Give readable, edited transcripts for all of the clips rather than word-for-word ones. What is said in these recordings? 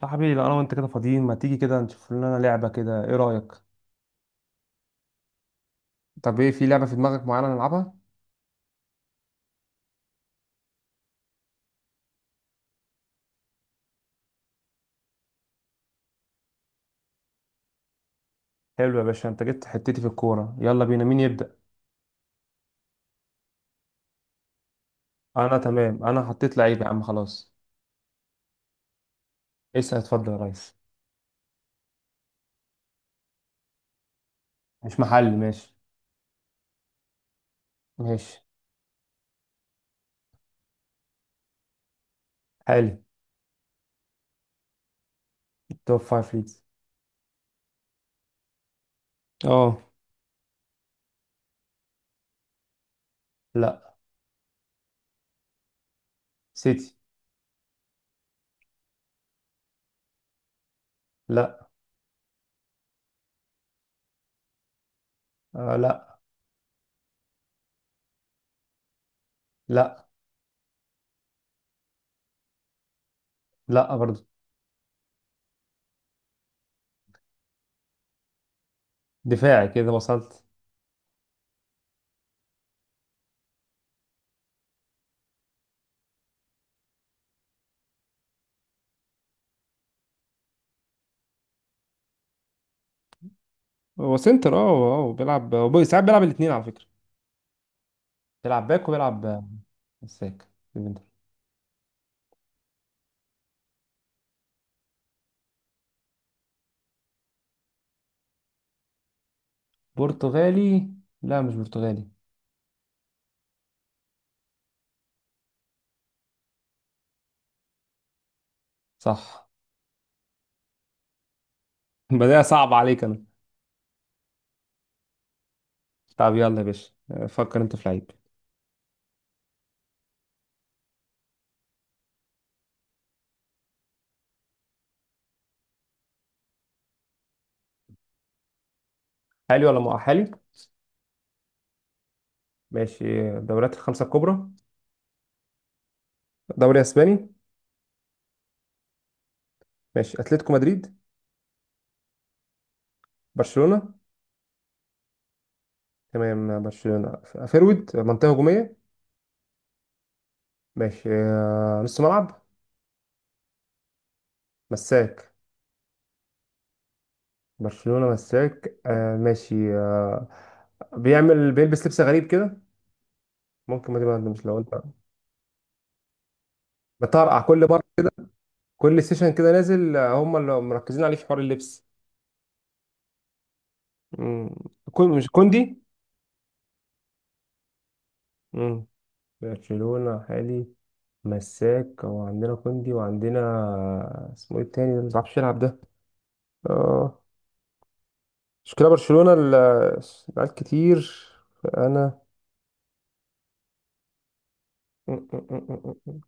صاحبي، لو انا وانت كده فاضيين ما تيجي كده نشوف لنا لعبة كده، ايه رأيك؟ طب ايه في لعبة في دماغك معينة نلعبها؟ حلو يا باشا، انت جبت حتتي في الكورة. يلا بينا، مين يبدأ؟ انا تمام، انا حطيت لعيب يا عم خلاص. اسأل اتفضل يا ريس. مش محلي ماشي. ماشي. حالي. توب فايف ليجز. اه. لا. سيتي. لا. آه. لا. لا. لا برضه. دفاعي كده وصلت. هو سنتر، اه اه، بيلعب هو ساعات بيلعب الاتنين على فكرة. بيلعب باك وبيلعب مساك. برتغالي. لا مش برتغالي. صح. بداية صعب عليك انا. طب يلا يا باشا، فكر انت في لعيب. حالي ولا مؤهلي؟ ماشي. دوريات الخمسة الكبرى. دوري اسباني. ماشي. اتلتيكو مدريد. برشلونة. تمام برشلونة. فيرويد منطقة هجومية. ماشي، نص ملعب. مساك. برشلونة مساك، آه، ماشي آه، بيعمل بيلبس لبس غريب كده. ممكن ما تبقى مش لو انت. بتطرقع كل مرة. كل سيشن كده نازل، هم اللي مركزين عليه في حوار اللبس. مم. كون مش كوندي. مم. برشلونة حالي، مساك، وعندنا كوندي وعندنا اسمه ايه التاني ده اللي مبيعرفش يلعب ده؟ اه. مشكلة برشلونة العيال كتير. فأنا. مم. مم. مم.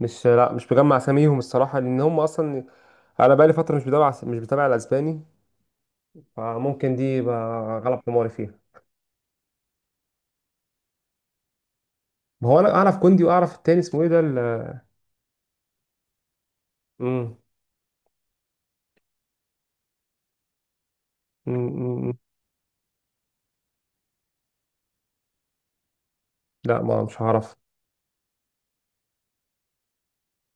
مش، لا مش مجمع اساميهم الصراحة لأن هم أصلا. أنا بقالي فترة مش بتابع الأسباني. فممكن دي يبقى غلط حماري فيها. ما هو أنا أعرف كوندي وأعرف التاني اسمه ايه ده مم. مم. مم. لا ما مش هعرف.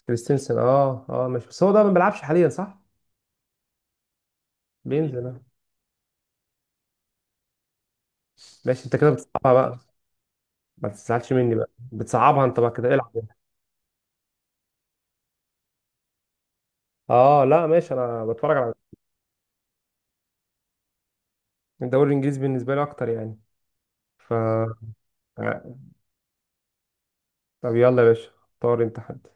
كريستنسن، اه اه ماشي، بس هو ده ما بيلعبش حاليا صح؟ بينزل آه. ماشي انت كده بتصعبها بقى. ما تزعلش مني بقى، بتصعبها انت بقى كده العب يعني. اه لا ماشي، انا بتفرج على الدوري الانجليزي بالنسبه لي اكتر يعني، ف آه، طب يلا يا باشا اختار انت حد.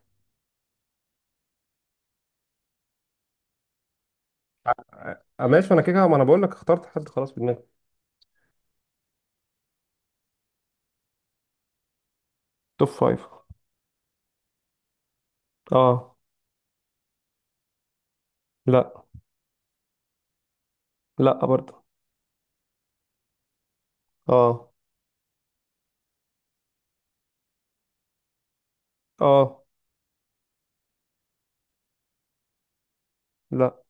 آه ماشي، انا كده ما انا بقول لك اخترت حد خلاص في دماغي. توب فايف. اه. لا. لا برضه. اه. اه. لا.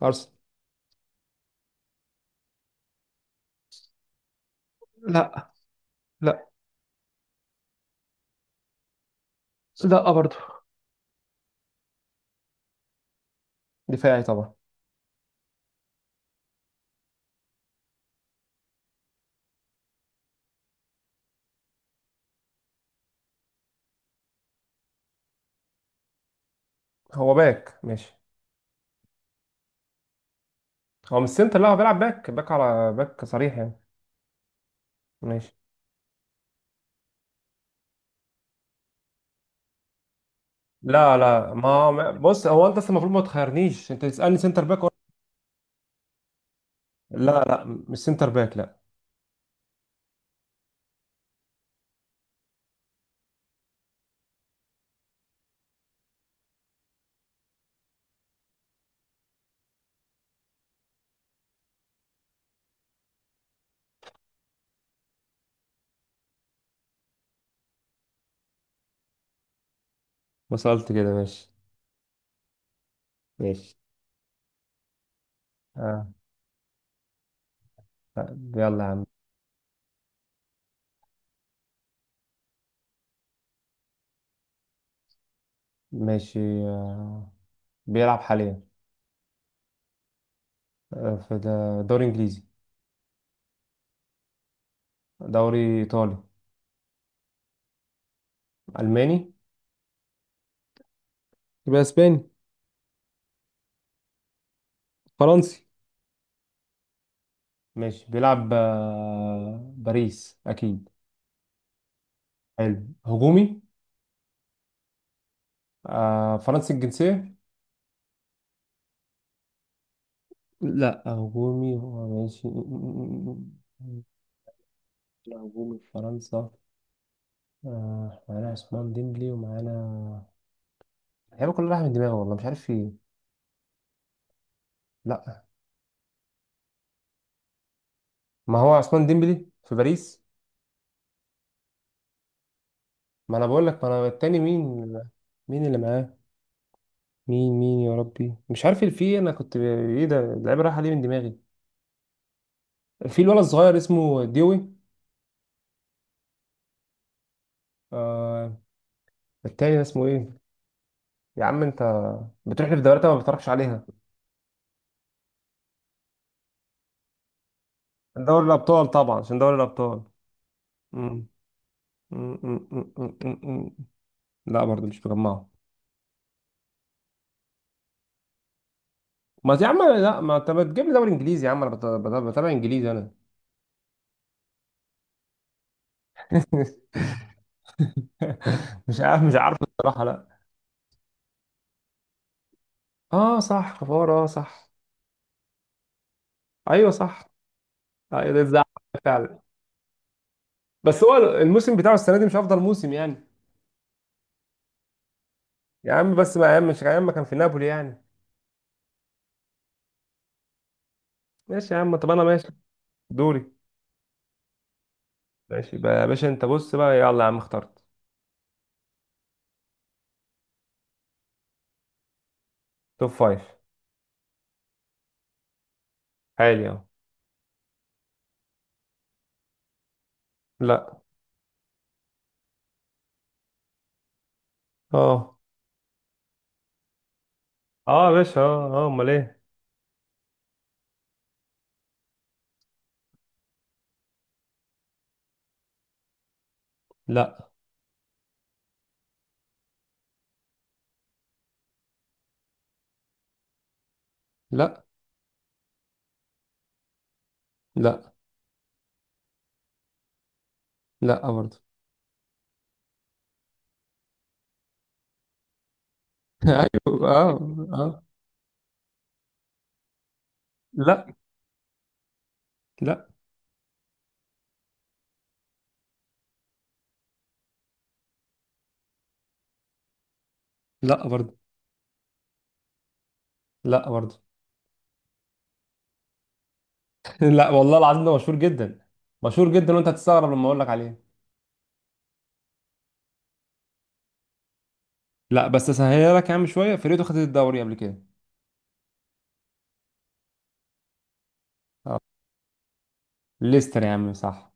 ارسنال. لا. لا. لا برضه. دفاعي طبعا. هو باك ماشي. هو مش سنتر، لا هو بيلعب باك، باك على باك صريح يعني. ماشي. لا لا بص، هو انت أصلاً المفروض ما تخيرنيش، انت تسالني سنتر باك ولا. لا لا مش سنتر باك لا. ما سالت كده ماشي. ماشي. آه. طيب، يلا يا عم. ماشي. آه. بيلعب حاليا. آه. في دوري انجليزي؟ دوري ايطالي؟ الماني؟ يبقى اسباني؟ فرنسي. ماشي بيلعب، آه، باريس اكيد. حلو. هجومي. آه. فرنسي الجنسية. لا هجومي هو ماشي. لا هجومي في فرنسا. آه معانا عثمان ديمبلي ومعانا. اللعيبه كلها رايحه من دماغي، والله مش عارف في إيه. لا. ما هو عثمان ديمبلي في باريس. ما انا بقول لك، ما انا التاني مين؟ مين اللي معاه؟ مين مين يا ربي، مش عارف اللي فيه، انا كنت ايه ده اللعيبه رايحه ليه من دماغي. في الولد الصغير اسمه ديوي. آه. التاني ده اسمه ايه؟ يا عم انت بتروح لي في دوريات أنا ما بتتفرجش عليها. دوري الابطال طبعا عشان دوري الابطال. م- م- م- م- م- م- م. لا برضه مش مجمعه. ما يا عم، لا ما انت بتجيب لي دوري انجليزي يا عم، انا بتابع انجليزي انا. مش عارف، مش عارف الصراحه، لا. اه صح، كفار اه صح. ايوه صح. ايوه ده الزعل. فعلا. بس هو الموسم بتاعه السنه دي مش افضل موسم يعني. يا عم بس، ما يا عم، مش يا عم كان في نابولي يعني. ماشي يا عم، طب انا ماشي. دوري. ماشي بقى يا باشا، انت بص بقى، يلا يا عم اخترت. توب فايف. حالي اهو. لا. اه. اه يا باشا، اه اه امال ايه. لا. لا. لا. لا برضه. ايوه اه. اه. لا. لا. لا برضه. لا برضه. لا والله العظيم، ده مشهور جدا. مشهور جدا وانت هتستغرب لما اقول لك عليه. لا بس اسهلها لك يا عم، شويه فرقته خدت الدوري قبل كده. آه. ليستر يا عم صح.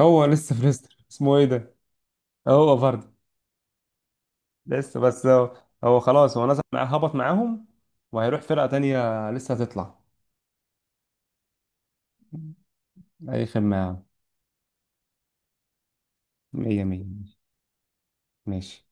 هو لسه في ليستر اسمه ايه ده؟ هو برضه لسه، بس هو، خلاص هو نزل مع، هبط معاهم وهيروح فرقه تانية لسه هتطلع. اي خدمه يا عم. مية مية. ماشي